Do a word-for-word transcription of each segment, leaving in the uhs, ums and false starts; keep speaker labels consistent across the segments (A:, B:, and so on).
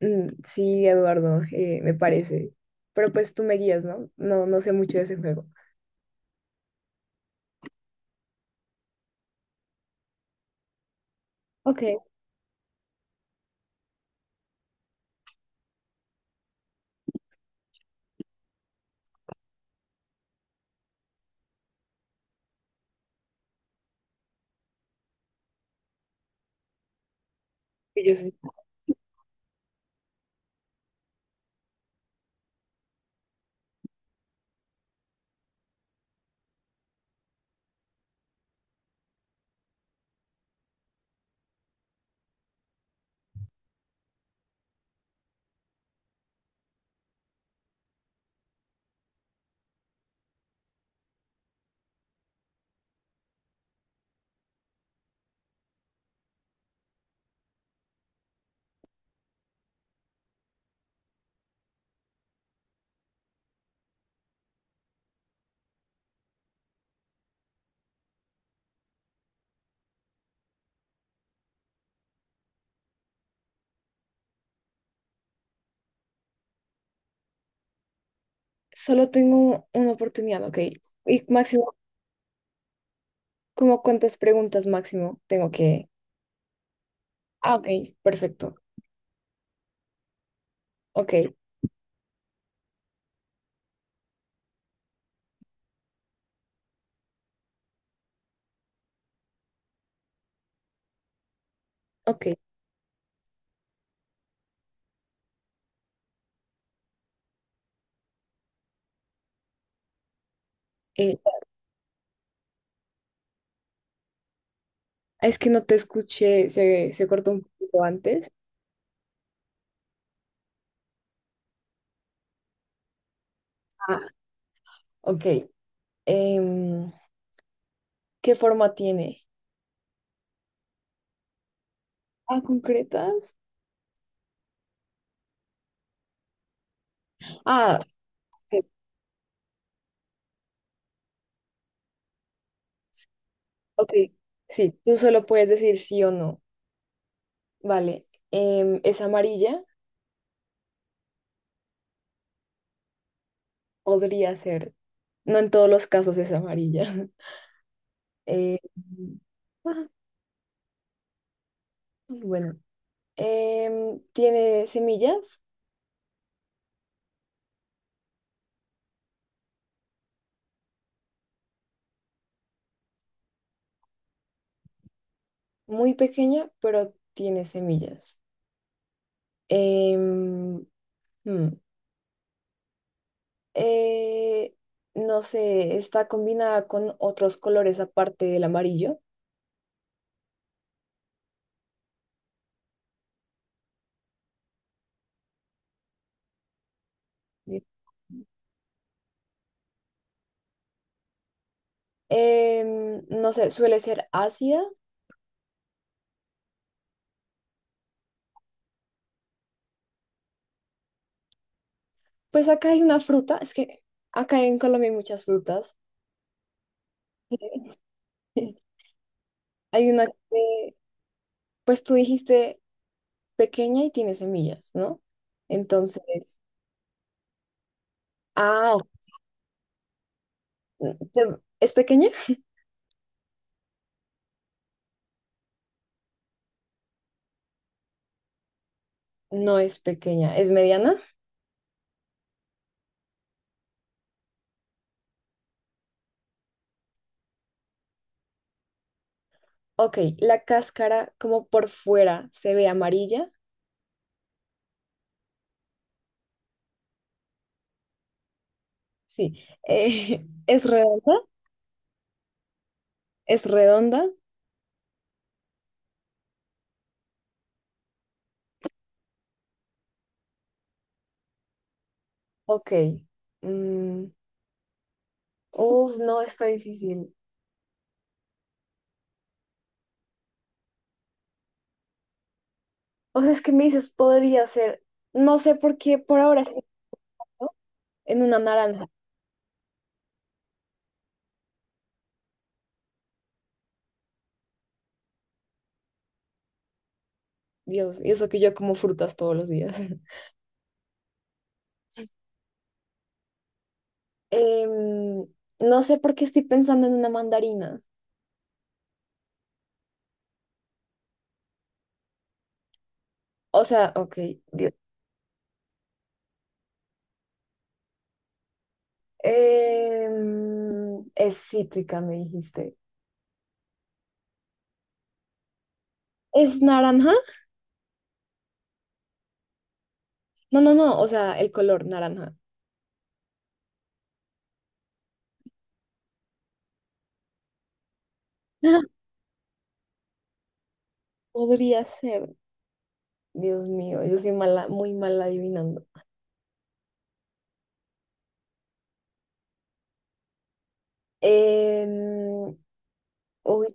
A: Mm, sí, Eduardo, eh, me parece. Pero pues tú me guías, ¿no? No, no sé mucho de ese juego. Ok, yo sí. Solo tengo una oportunidad, ok. Y máximo, ¿cómo cuántas preguntas máximo tengo que...? Ah, ok, perfecto. Ok, ok. Eh, es que no te escuché, se, se cortó un poquito antes. Ah, ok. Em, ¿qué forma tiene? Ah, concretas. Ah, ok. ok. Sí, tú solo puedes decir sí o no. Vale, em, ¿es amarilla? Podría ser. No en todos los casos es amarilla. Eh, ah, bueno, Em, tiene semillas, muy pequeña, pero tiene semillas. Em, hmm, eh, no sé, está combinada con otros colores aparte del amarillo. Di- Em, no sé, suele ser ácida. Pues acá hay una fruta, es que acá en Colombia hay muchas frutas. Hay una que, pues tú dijiste pequeña y tiene semillas, ¿no? Entonces, ah, ok. Te- ¿es pequeña? No es pequeña, ¿es mediana? Ok, la cáscara como por fuera se ve amarilla, sí. Eh, ¿es redonda? ¿Es redonda? Ok. Mm, uf, no, está difícil. O sea, es que me dices, podría ser, no sé por qué por ahora sí, ¿no? En una naranja. Dios, y eso que yo como frutas todos los días. Em, no sé por qué estoy pensando en una mandarina. O sea, ok, Dios. Em, es cítrica, me dijiste. ¿Es naranja? No, no, no, o sea, el color naranja. Podría ser. Dios mío, yo soy mala, muy mala adivinando. Em, uy,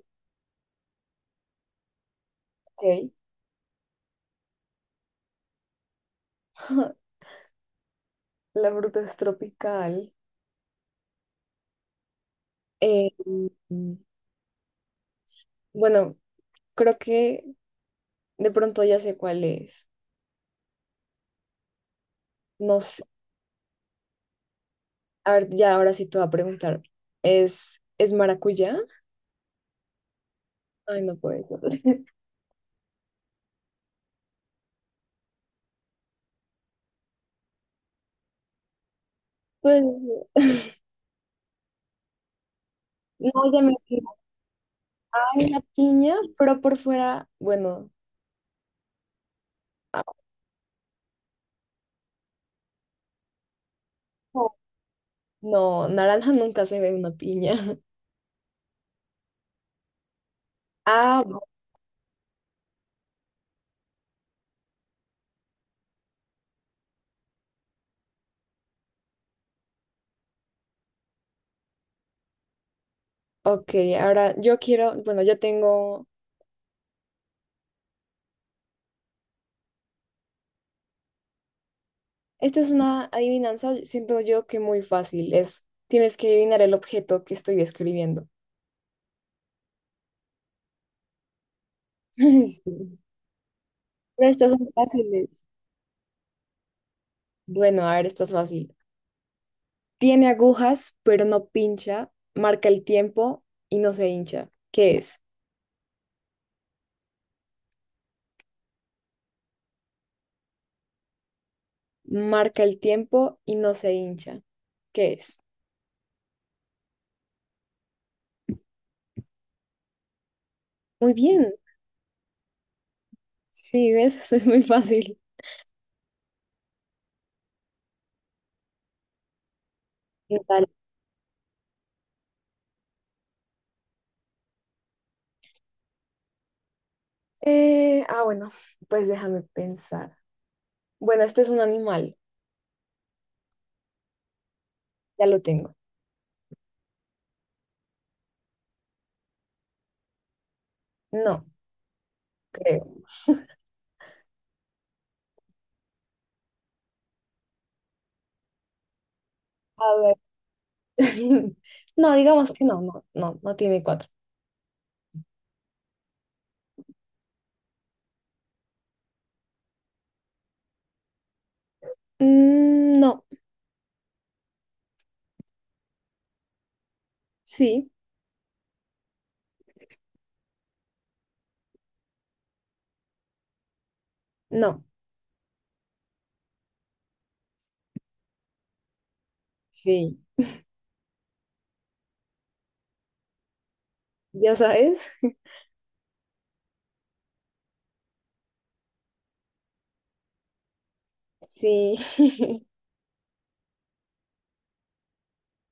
A: ok. La fruta es tropical. Em, bueno, creo que de pronto ya sé cuál es. No. A ver, ya ahora sí te voy a preguntar. ¿Es, es maracuyá? Ay, no puede ser. Pues, no, ya me en la piña, pero por fuera, bueno, ah, no, naranja nunca se ve una piña. Ah, ok, ahora yo quiero, bueno, yo tengo, esta es una adivinanza, siento yo que muy fácil, es, tienes que adivinar el objeto que estoy describiendo. Sí. Pero estas son fáciles. Bueno, a ver, esta es fácil. Tiene agujas, pero no pincha. Marca el tiempo y no se hincha. ¿Qué es? Marca el tiempo y no se hincha. ¿Qué es? Muy bien. Sí, ves, eso es muy fácil. ¿Qué tal? Eh, ah, bueno, pues déjame pensar. Bueno, este es un animal. Ya lo tengo. No, creo. A ver. No, digamos que no, no, no, no tiene cuatro. Mm, no, sí, no, sí. ¿Ya sabes? Sí, sí,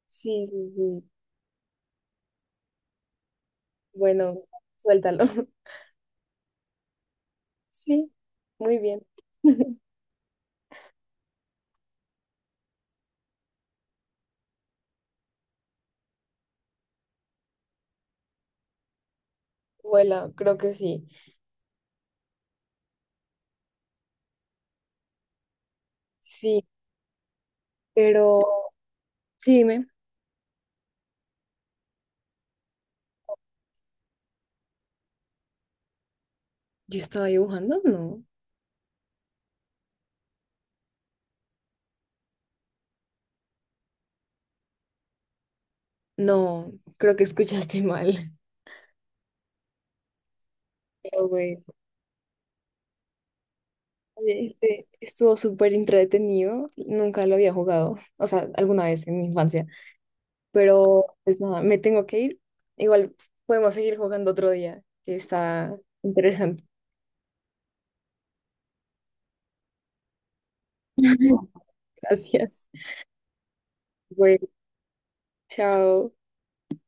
A: sí, sí. Bueno, suéltalo. Sí, muy bien. Vuela, creo que sí. Sí, pero sí, dime. ¿Yo estaba dibujando? No. No, creo que escuchaste mal. Pero bueno, oye, este estuvo súper entretenido. Nunca lo había jugado, o sea, alguna vez en mi infancia. Pero pues nada, me tengo que ir. Igual podemos seguir jugando otro día, que está interesante. Gracias. Bueno, chao.